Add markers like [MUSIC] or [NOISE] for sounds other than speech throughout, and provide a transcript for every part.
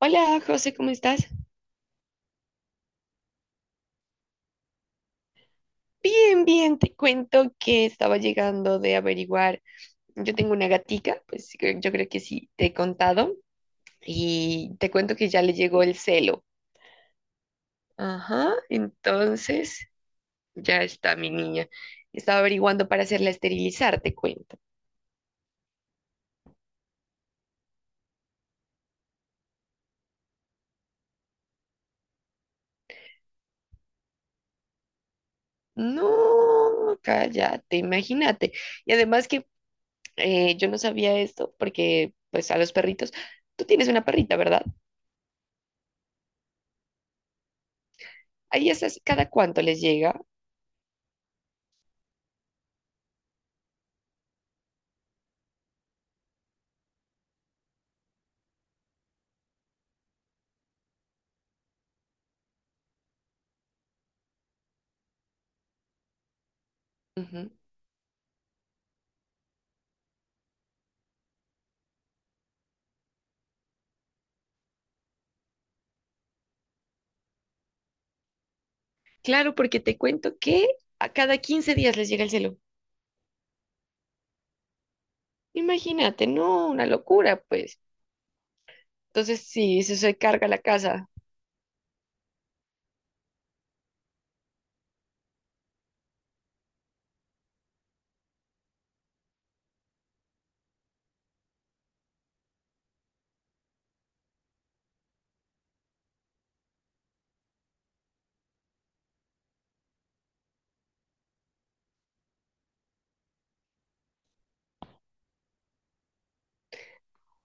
Hola, José, ¿cómo estás? Bien, bien, te cuento que estaba llegando de averiguar. Yo tengo una gatica, pues yo creo que sí te he contado, y te cuento que ya le llegó el celo. Ajá, entonces ya está mi niña. Estaba averiguando para hacerla esterilizar, te cuento. No, cállate, imagínate. Y además que yo no sabía esto porque, pues, a los perritos, tú tienes una perrita, ¿verdad? Ahí esas, ¿cada cuánto les llega? Ujú. Claro, porque te cuento que a cada 15 días les llega el celo. Imagínate, no, una locura, pues. Entonces sí, se carga la casa.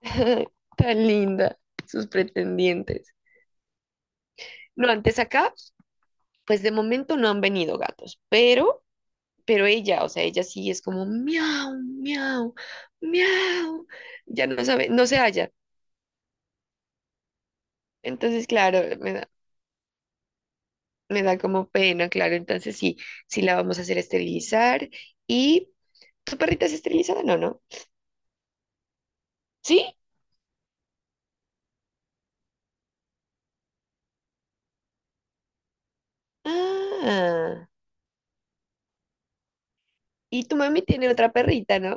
[LAUGHS] Tan linda, sus pretendientes. No, antes acá, pues de momento no han venido gatos, pero ella, o sea, ella sí es como miau, miau, miau. Ya no sabe, no se halla. Entonces, claro, me da como pena, claro. Entonces sí, sí la vamos a hacer esterilizar. ¿Y tu perrita es esterilizada? No, no. ¿Sí? Ah, y tu mami tiene otra perrita, ¿no?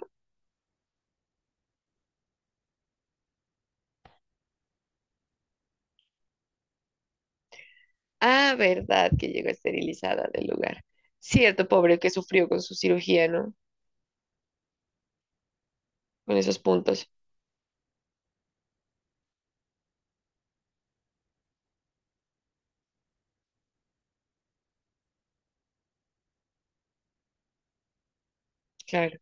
Ah, verdad, que llegó esterilizada del lugar. Cierto, pobre que sufrió con su cirugía, ¿no? Con esos puntos. Claro.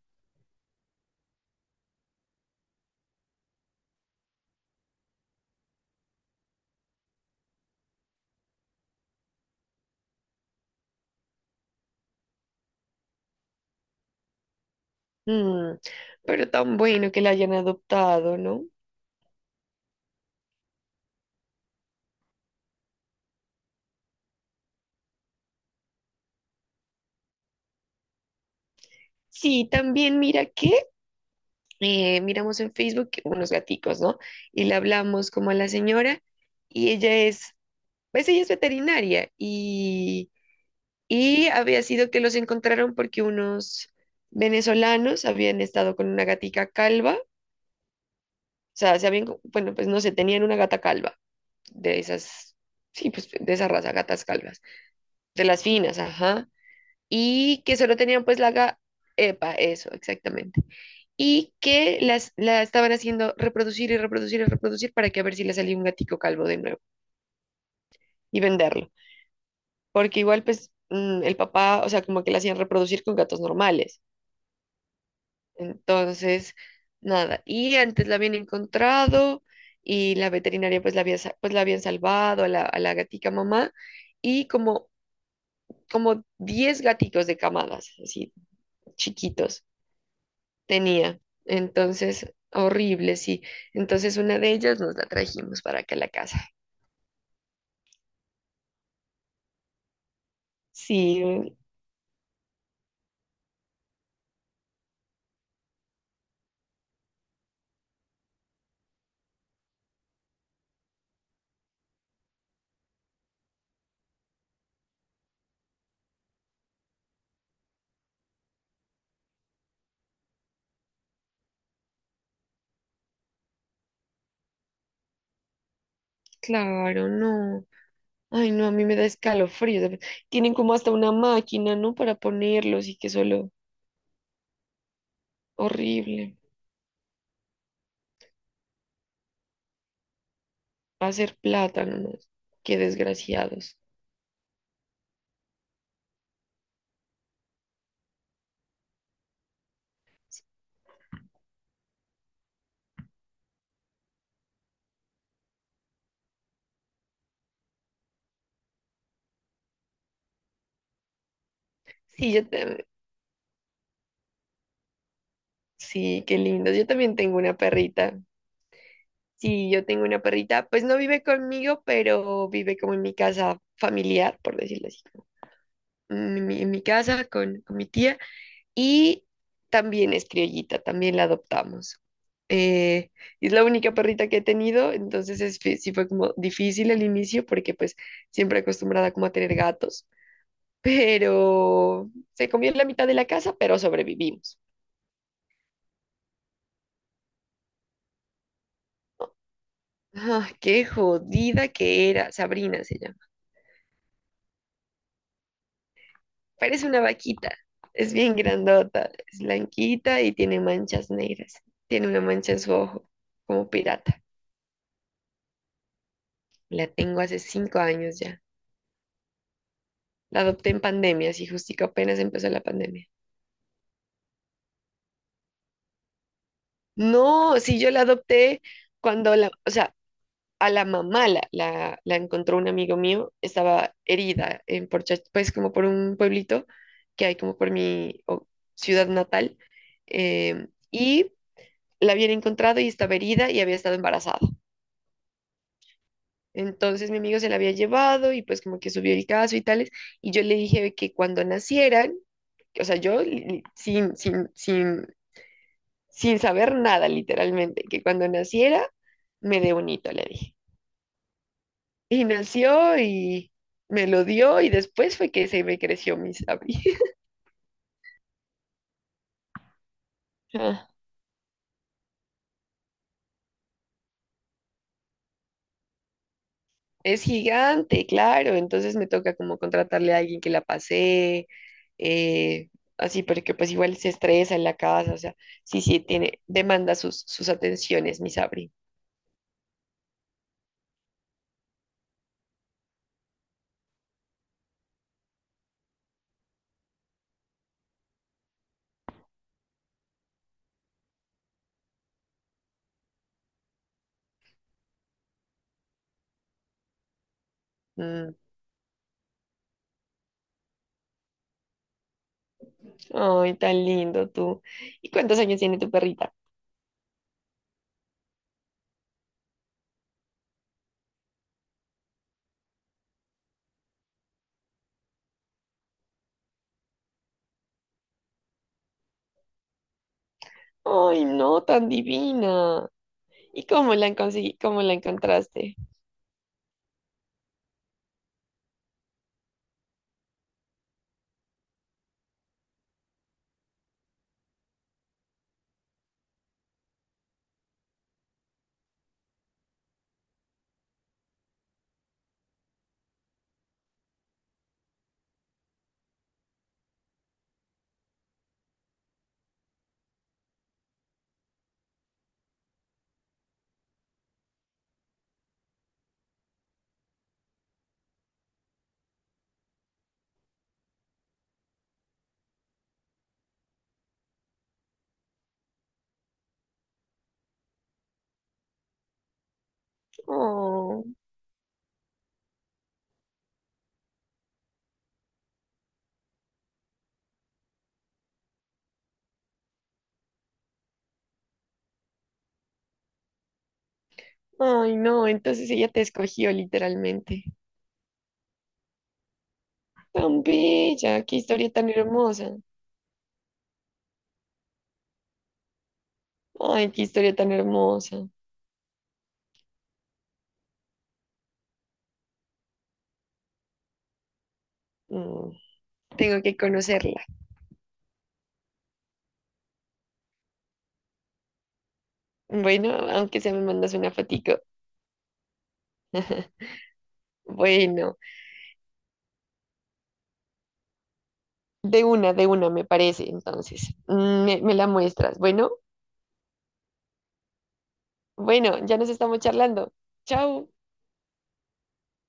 Mm, pero tan bueno que la hayan adoptado, ¿no? Sí, también mira que miramos en Facebook unos gaticos, ¿no? Y le hablamos como a la señora y ella es, pues ella es veterinaria y había sido que los encontraron porque unos venezolanos habían estado con una gatica calva, o sea, se habían, bueno, pues no sé, tenían una gata calva, de esas, sí, pues de esa raza, gatas calvas, de las finas, ajá, y que solo tenían pues la gata, epa, eso, exactamente, y que las, la estaban haciendo reproducir y reproducir y reproducir para que a ver si le salía un gatico calvo de nuevo y venderlo, porque igual pues el papá, o sea, como que la hacían reproducir con gatos normales. Entonces, nada. Y antes la habían encontrado y la veterinaria pues la había, pues la habían salvado a la gatica mamá y como, como 10 gaticos de camadas, así chiquitos, tenía. Entonces, horrible, sí. Entonces una de ellas nos la trajimos para acá a la casa. Sí, claro, no. Ay, no, a mí me da escalofrío. Tienen como hasta una máquina, ¿no? Para ponerlos y que solo horrible. Hacer plátano, ¿no? Qué desgraciados. Sí, yo también, sí, qué lindos. Yo también tengo una perrita. Sí, yo tengo una perrita, pues no vive conmigo, pero vive como en mi casa familiar, por decirlo así, como en mi casa con mi tía. Y también es criollita, también la adoptamos. Eh, es la única perrita que he tenido, entonces es sí fue como difícil al inicio porque pues siempre acostumbrada como a tener gatos pero se comió la mitad de la casa, pero sobrevivimos. Ah, qué jodida que era. Sabrina se llama. Parece una vaquita. Es bien grandota, es blanquita y tiene manchas negras. Tiene una mancha en su ojo, como pirata. La tengo hace 5 años ya. La adopté en pandemia, así justico apenas empezó la pandemia. No, si yo la adopté cuando la, o sea, a la mamá la encontró un amigo mío, estaba herida en Porcha, pues como por un pueblito que hay como por ciudad natal, y la habían encontrado y estaba herida y había estado embarazada. Entonces mi amigo se la había llevado y pues como que subió el caso y tales, y yo le dije que cuando nacieran, o sea, yo sin saber nada literalmente, que cuando naciera me dé un hito, le dije. Y nació y me lo dio y después fue que se me creció mi sabi. [LAUGHS] Ah, es gigante, claro, entonces me toca como contratarle a alguien que la pasee, eh, así, porque pues igual se estresa en la casa, o sea, sí, sí, tiene, demanda sus, sus atenciones, mi Sabri. Mm, ay, tan lindo tú. ¿Y cuántos años tiene tu perrita? Ay, no, tan divina. ¿Y cómo la conseguí, cómo la encontraste? Oh. Ay, no, entonces ella te escogió literalmente. Tan bella, qué historia tan hermosa. Ay, qué historia tan hermosa. Mm, tengo que conocerla. Bueno, aunque sea me mandas una fotico. [LAUGHS] Bueno, de una me parece, entonces. Mm, me la muestras. Bueno, bueno, ya nos estamos charlando. Chao.